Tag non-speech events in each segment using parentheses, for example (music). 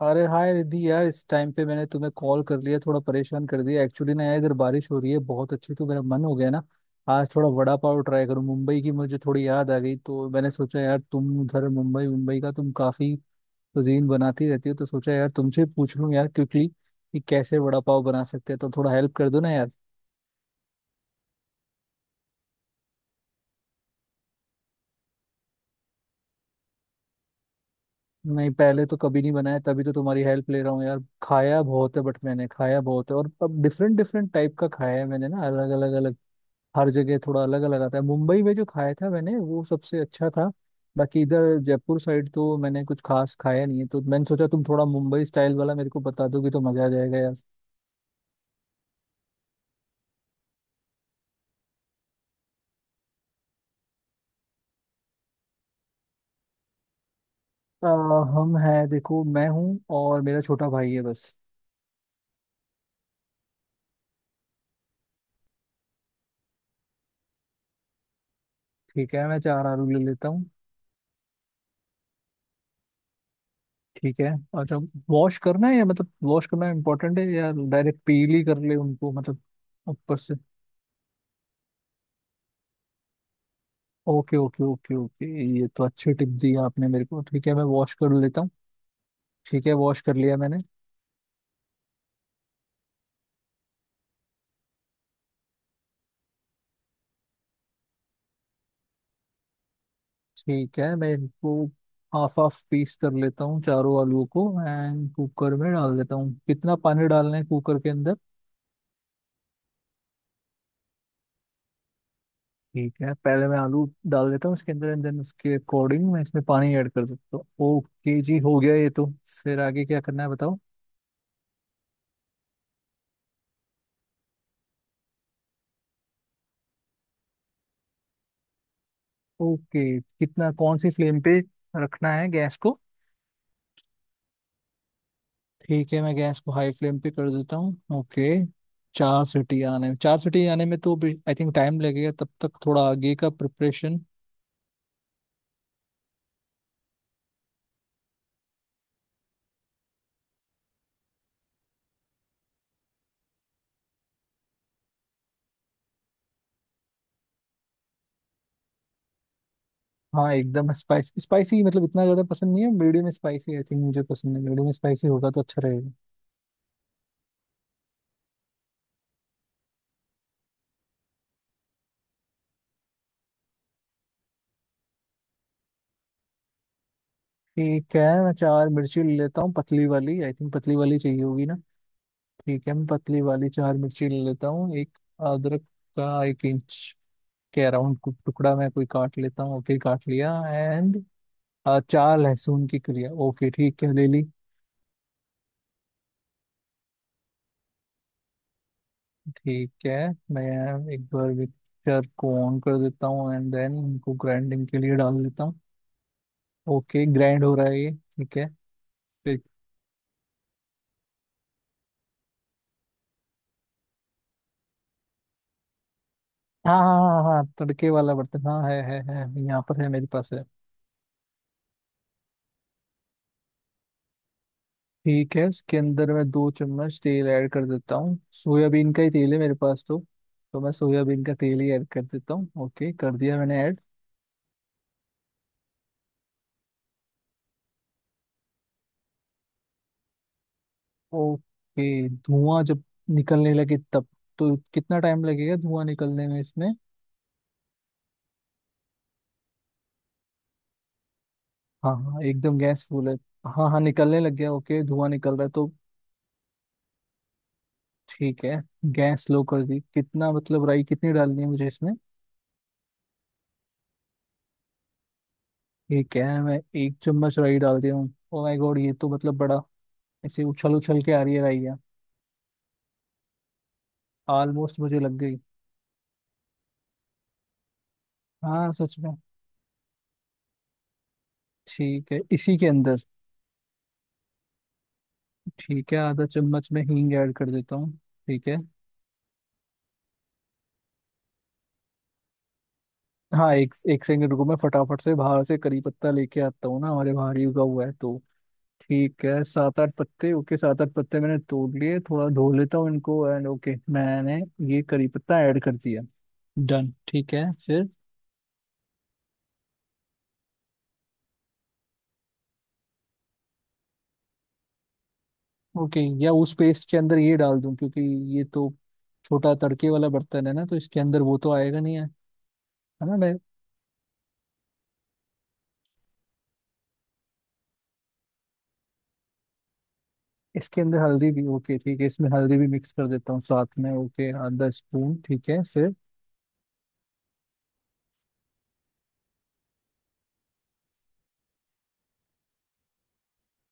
अरे हाय रिद्धि यार, इस टाइम पे मैंने तुम्हें कॉल कर लिया, थोड़ा परेशान कर दिया। एक्चुअली ना यार, इधर बारिश हो रही है बहुत अच्छी, तो मेरा मन हो गया ना आज थोड़ा वड़ा पाव ट्राई करूं। मुंबई की मुझे थोड़ी याद आ गई, तो मैंने सोचा यार, तुम उधर मुंबई मुंबई का तुम काफी कुजीन बनाती रहती हो, तो सोचा यार तुमसे पूछ लूं यार क्विकली कि कैसे वड़ा पाव बना सकते हैं, तो थोड़ा हेल्प कर दो ना यार। नहीं, पहले तो कभी नहीं बनाया, तभी तो तुम्हारी हेल्प ले रहा हूँ यार। खाया बहुत है, बट मैंने खाया बहुत है और अब डिफरेंट डिफरेंट टाइप का खाया है मैंने ना, अलग अलग। हर जगह थोड़ा अलग अलग आता है। मुंबई में जो खाया था मैंने वो सबसे अच्छा था। बाकी इधर जयपुर साइड तो मैंने कुछ खास खाया नहीं है, तो मैंने सोचा तुम थोड़ा मुंबई स्टाइल वाला मेरे को बता दोगे तो मजा आ जाएगा यार। अ, हम हैं, देखो मैं हूँ और मेरा छोटा भाई है बस। ठीक है, मैं चार आलू ले लेता हूँ। ठीक है। अच्छा, वॉश करना है या मतलब वॉश करना इम्पोर्टेंट है, या डायरेक्ट पील ही कर ले उनको, मतलब ऊपर से? ओके ओके ओके ओके, ये तो अच्छी टिप दी आपने मेरे को। ठीक है, मैं वॉश कर लेता हूँ। ठीक है, वॉश कर लिया मैंने। ठीक है, मैं इनको हाफ हाफ पीस कर लेता हूँ चारों आलूओं को एंड कुकर में डाल देता हूँ। कितना पानी डालना है कुकर के अंदर? ठीक है, पहले मैं आलू डाल देता हूँ इसके अंदर एंड देन उसके अकॉर्डिंग मैं इसमें पानी ऐड कर देता हूँ। ओके जी, हो गया ये तो। फिर आगे क्या करना है बताओ? ओके, कितना, कौन सी फ्लेम पे रखना है गैस को? ठीक है, मैं गैस को हाई फ्लेम पे कर देता हूँ। ओके। चार सीटी आने में तो आई थिंक टाइम लगेगा, तब तक थोड़ा आगे का प्रिपरेशन। हाँ एकदम स्पाइसी। स्पाइसी मतलब इतना ज्यादा पसंद नहीं है, मीडियम स्पाइसी आई थिंक मुझे पसंद है, मीडियम स्पाइसी होगा तो अच्छा रहेगा। ठीक है, मैं चार मिर्ची ले लेता हूँ पतली वाली। आई थिंक पतली वाली चाहिए होगी ना? ठीक है, मैं पतली वाली चार मिर्ची ले लेता हूँ। एक अदरक का एक इंच के अराउंड टुकड़ा मैं कोई काट लेता हूँ। ओके, काट लिया। एंड चार लहसुन की कलियां। ओके ठीक है, ले ली। ठीक है, मैं एक बार मिक्सचर को ऑन कर देता हूँ एंड देन इनको ग्राइंडिंग के लिए डाल देता हूँ। ओके, ग्राइंड हो रहा है ये। ठीक है फिर। हाँ हाँ हाँ हाँ हाँ, तड़के वाला बर्तन, हाँ, है यहाँ पर, है मेरे पास है। ठीक है, इसके अंदर मैं दो चम्मच तेल ऐड कर देता हूँ। सोयाबीन का ही तेल है मेरे पास, तो मैं सोयाबीन का तेल ही ऐड कर देता हूँ। ओके, कर दिया मैंने ऐड। ओके, धुआं जब निकलने लगे तब। तो कितना टाइम लगेगा धुआं निकलने में इसमें? हाँ हाँ, एकदम गैस फुल है। हाँ हाँ, निकलने लग गया। ओके, धुआं निकल रहा है तो। ठीक है, गैस लो कर दी। कितना मतलब, राई कितनी डालनी है मुझे इसमें? ठीक है, मैं एक चम्मच राई डाल दिया हूँ। ओ माय गॉड, ये तो मतलब बड़ा ऐसे उछल उछल के आ रही है राई है। ऑलमोस्ट मुझे लग गई। हाँ, सच में। ठीक है, इसी के अंदर। ठीक है, आधा चम्मच मैं हींग ऐड कर देता हूँ। ठीक है। हाँ, एक एक सेकंड रुको, मैं फटाफट से बाहर से करी पत्ता लेके आता हूँ ना, हमारे बाहर ही उगा हुआ है तो। ठीक है, सात आठ पत्ते। ओके, सात आठ पत्ते मैंने तोड़ लिए, थोड़ा धो लेता हूँ इनको, एंड ओके, मैंने ये करी पत्ता ऐड कर दिया। डन। ठीक है फिर। ओके, या उस पेस्ट के अंदर ये डाल दूं, क्योंकि ये तो छोटा तड़के वाला बर्तन है ना, तो इसके अंदर वो तो आएगा नहीं, है है ना? मैं इसके अंदर हल्दी भी? ओके ठीक है, इसमें हल्दी भी मिक्स कर देता हूँ साथ में। ओके, आधा स्पून। ठीक है फिर।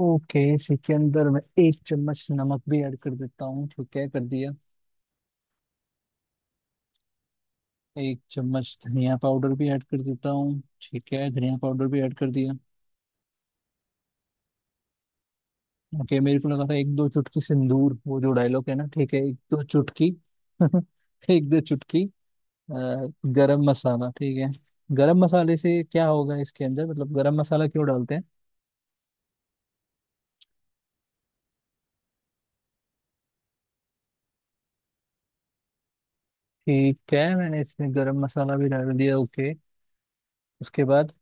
ओके, इसी के अंदर मैं एक चम्मच नमक भी ऐड कर देता हूँ। ठीक है, कर दिया। एक चम्मच धनिया पाउडर भी ऐड कर देता हूँ। ठीक है, धनिया पाउडर भी ऐड कर दिया। ओके, मेरे को लगा था एक दो चुटकी सिंदूर, वो जो डायलॉग है ना। ठीक है, एक दो चुटकी। (laughs) एक दो चुटकी गरम मसाला। ठीक है। गरम मसाले से क्या होगा इसके अंदर मतलब, गरम मसाला क्यों डालते हैं? ठीक है, मैंने इसमें गरम मसाला भी डाल दिया। ओके, उसके बाद?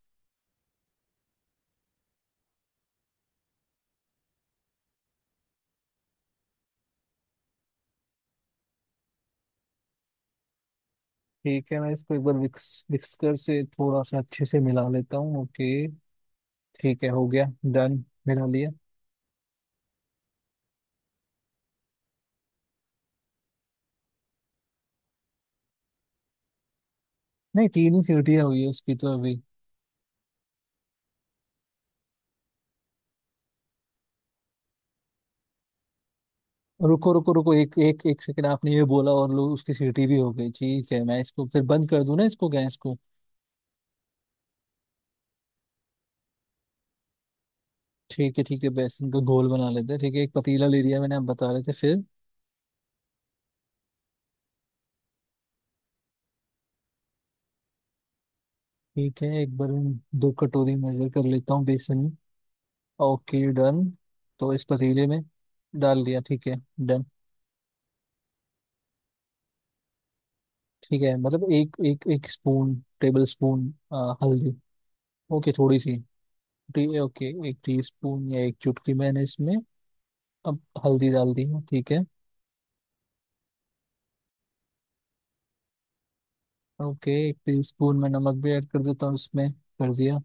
ठीक है, मैं इसको एक बार विक्सकर से थोड़ा सा अच्छे से मिला लेता हूँ। ओके। ठीक है, हो गया। डन। मिला लिया। नहीं, तीन ही सीटियाँ हुई है उसकी तो अभी। रुको रुको रुको, एक एक एक सेकंड, आपने ये बोला और लो उसकी सीटी भी हो गई। ठीक है, मैं इसको फिर बंद कर दूं ना, इसको, गैस को। ठीक है ठीक है, बेसन का घोल बना लेते हैं। ठीक है, एक पतीला ले लिया मैंने। आप बता रहे थे फिर? ठीक है, एक बार मैं दो कटोरी मेजर कर लेता हूँ बेसन। ओके डन, तो इस पतीले में डाल दिया। ठीक है डन। ठीक है मतलब, एक एक एक स्पून, टेबल स्पून, हल्दी। ओके, थोड़ी सी। ओके, एक टीस्पून या एक चुटकी मैंने इसमें अब हल्दी डाल दी है। ठीक है। ओके, एक टीस्पून में नमक भी ऐड कर देता हूँ इसमें। कर दिया।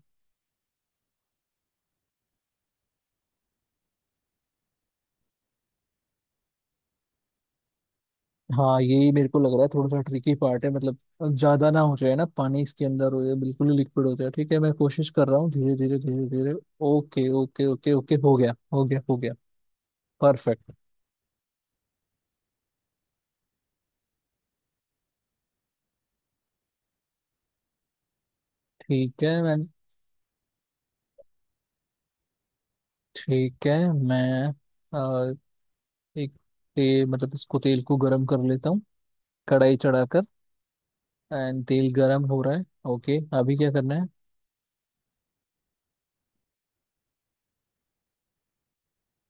हाँ, यही मेरे को लग रहा है, थोड़ा सा ट्रिकी पार्ट है मतलब, ज्यादा ना हो जाए ना पानी इसके अंदर हो, या बिल्कुल ही लिक्विड हो जाए। ठीक है, मैं कोशिश कर रहा हूँ धीरे धीरे धीरे धीरे। ओके ओके ओके ओके, हो गया हो गया हो गया। परफेक्ट। ठीक है मैं ठीक है, मैं अ, एक मतलब इसको, तेल को गरम कर लेता हूँ कढ़ाई चढ़ाकर। एंड तेल गरम हो रहा है। ओके, अभी क्या करना है?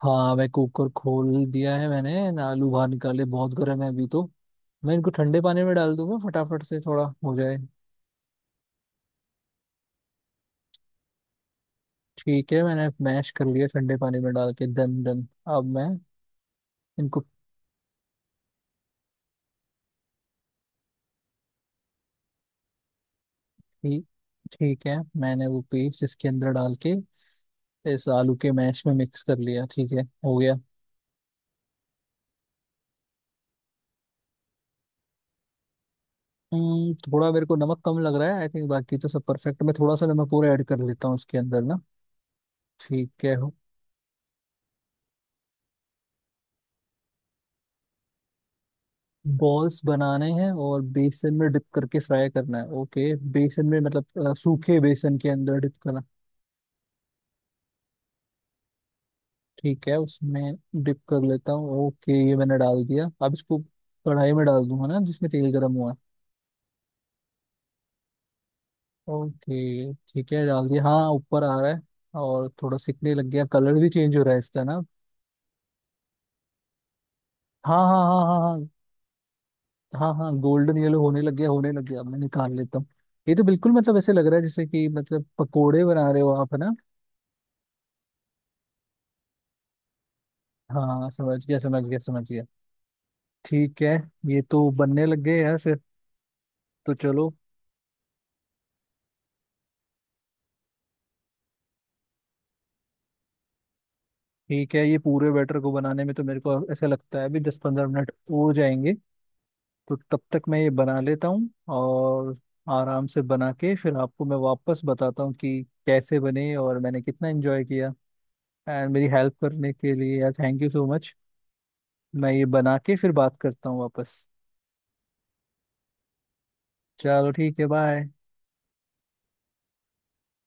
हाँ, मैं कुकर खोल दिया है मैंने ना, आलू बाहर निकाले, बहुत गर्म है अभी तो। मैं इनको ठंडे पानी में डाल दूंगा फटाफट से, थोड़ा हो जाए। ठीक है, मैंने मैश कर लिया ठंडे पानी में डाल के, दन दन। अब मैं इनको पी ठीक है, मैंने वो पेस्ट इसके अंदर डाल के इस आलू के मैश में मिक्स कर लिया। ठीक है, हो गया। थोड़ा मेरे को नमक कम लग रहा है आई थिंक, बाकी तो सब परफेक्ट। मैं थोड़ा सा नमक और ऐड कर लेता हूँ इसके अंदर ना। ठीक है। बॉल्स बनाने हैं और बेसन में डिप करके फ्राई करना है? ओके, बेसन में मतलब सूखे बेसन के अंदर डिप करना? ठीक है, उसमें डिप कर लेता हूँ। ओके, ये मैंने डाल दिया, अब इसको कढ़ाई में डाल दूंगा ना जिसमें तेल गर्म हुआ है। ओके ठीक है, डाल दिया। हाँ, ऊपर आ रहा है और थोड़ा सिकने लग गया, कलर भी चेंज हो रहा है इसका ना। हाँ हाँ हाँ हाँ हाँ। हाँ हाँ, गोल्डन येलो होने लग गया, होने लग गया, अब मैं निकाल लेता हूँ। ये तो बिल्कुल मतलब ऐसे लग रहा है जैसे कि मतलब पकोड़े बना रहे हो आप, है ना? हाँ, समझ गया समझ गया समझ गया। ठीक है, ये तो बनने लग गए यार फिर, तो चलो। ठीक है, ये पूरे बैटर को बनाने में तो मेरे को ऐसा लगता है अभी 10-15 मिनट हो जाएंगे, तो तब तक मैं ये बना लेता हूँ। और आराम से बना के फिर आपको मैं वापस बताता हूँ कि कैसे बने और मैंने कितना एंजॉय किया। एंड मेरी हेल्प करने के लिए यार, थैंक यू सो मच। मैं ये बना के फिर बात करता हूँ वापस। चलो ठीक है, बाय।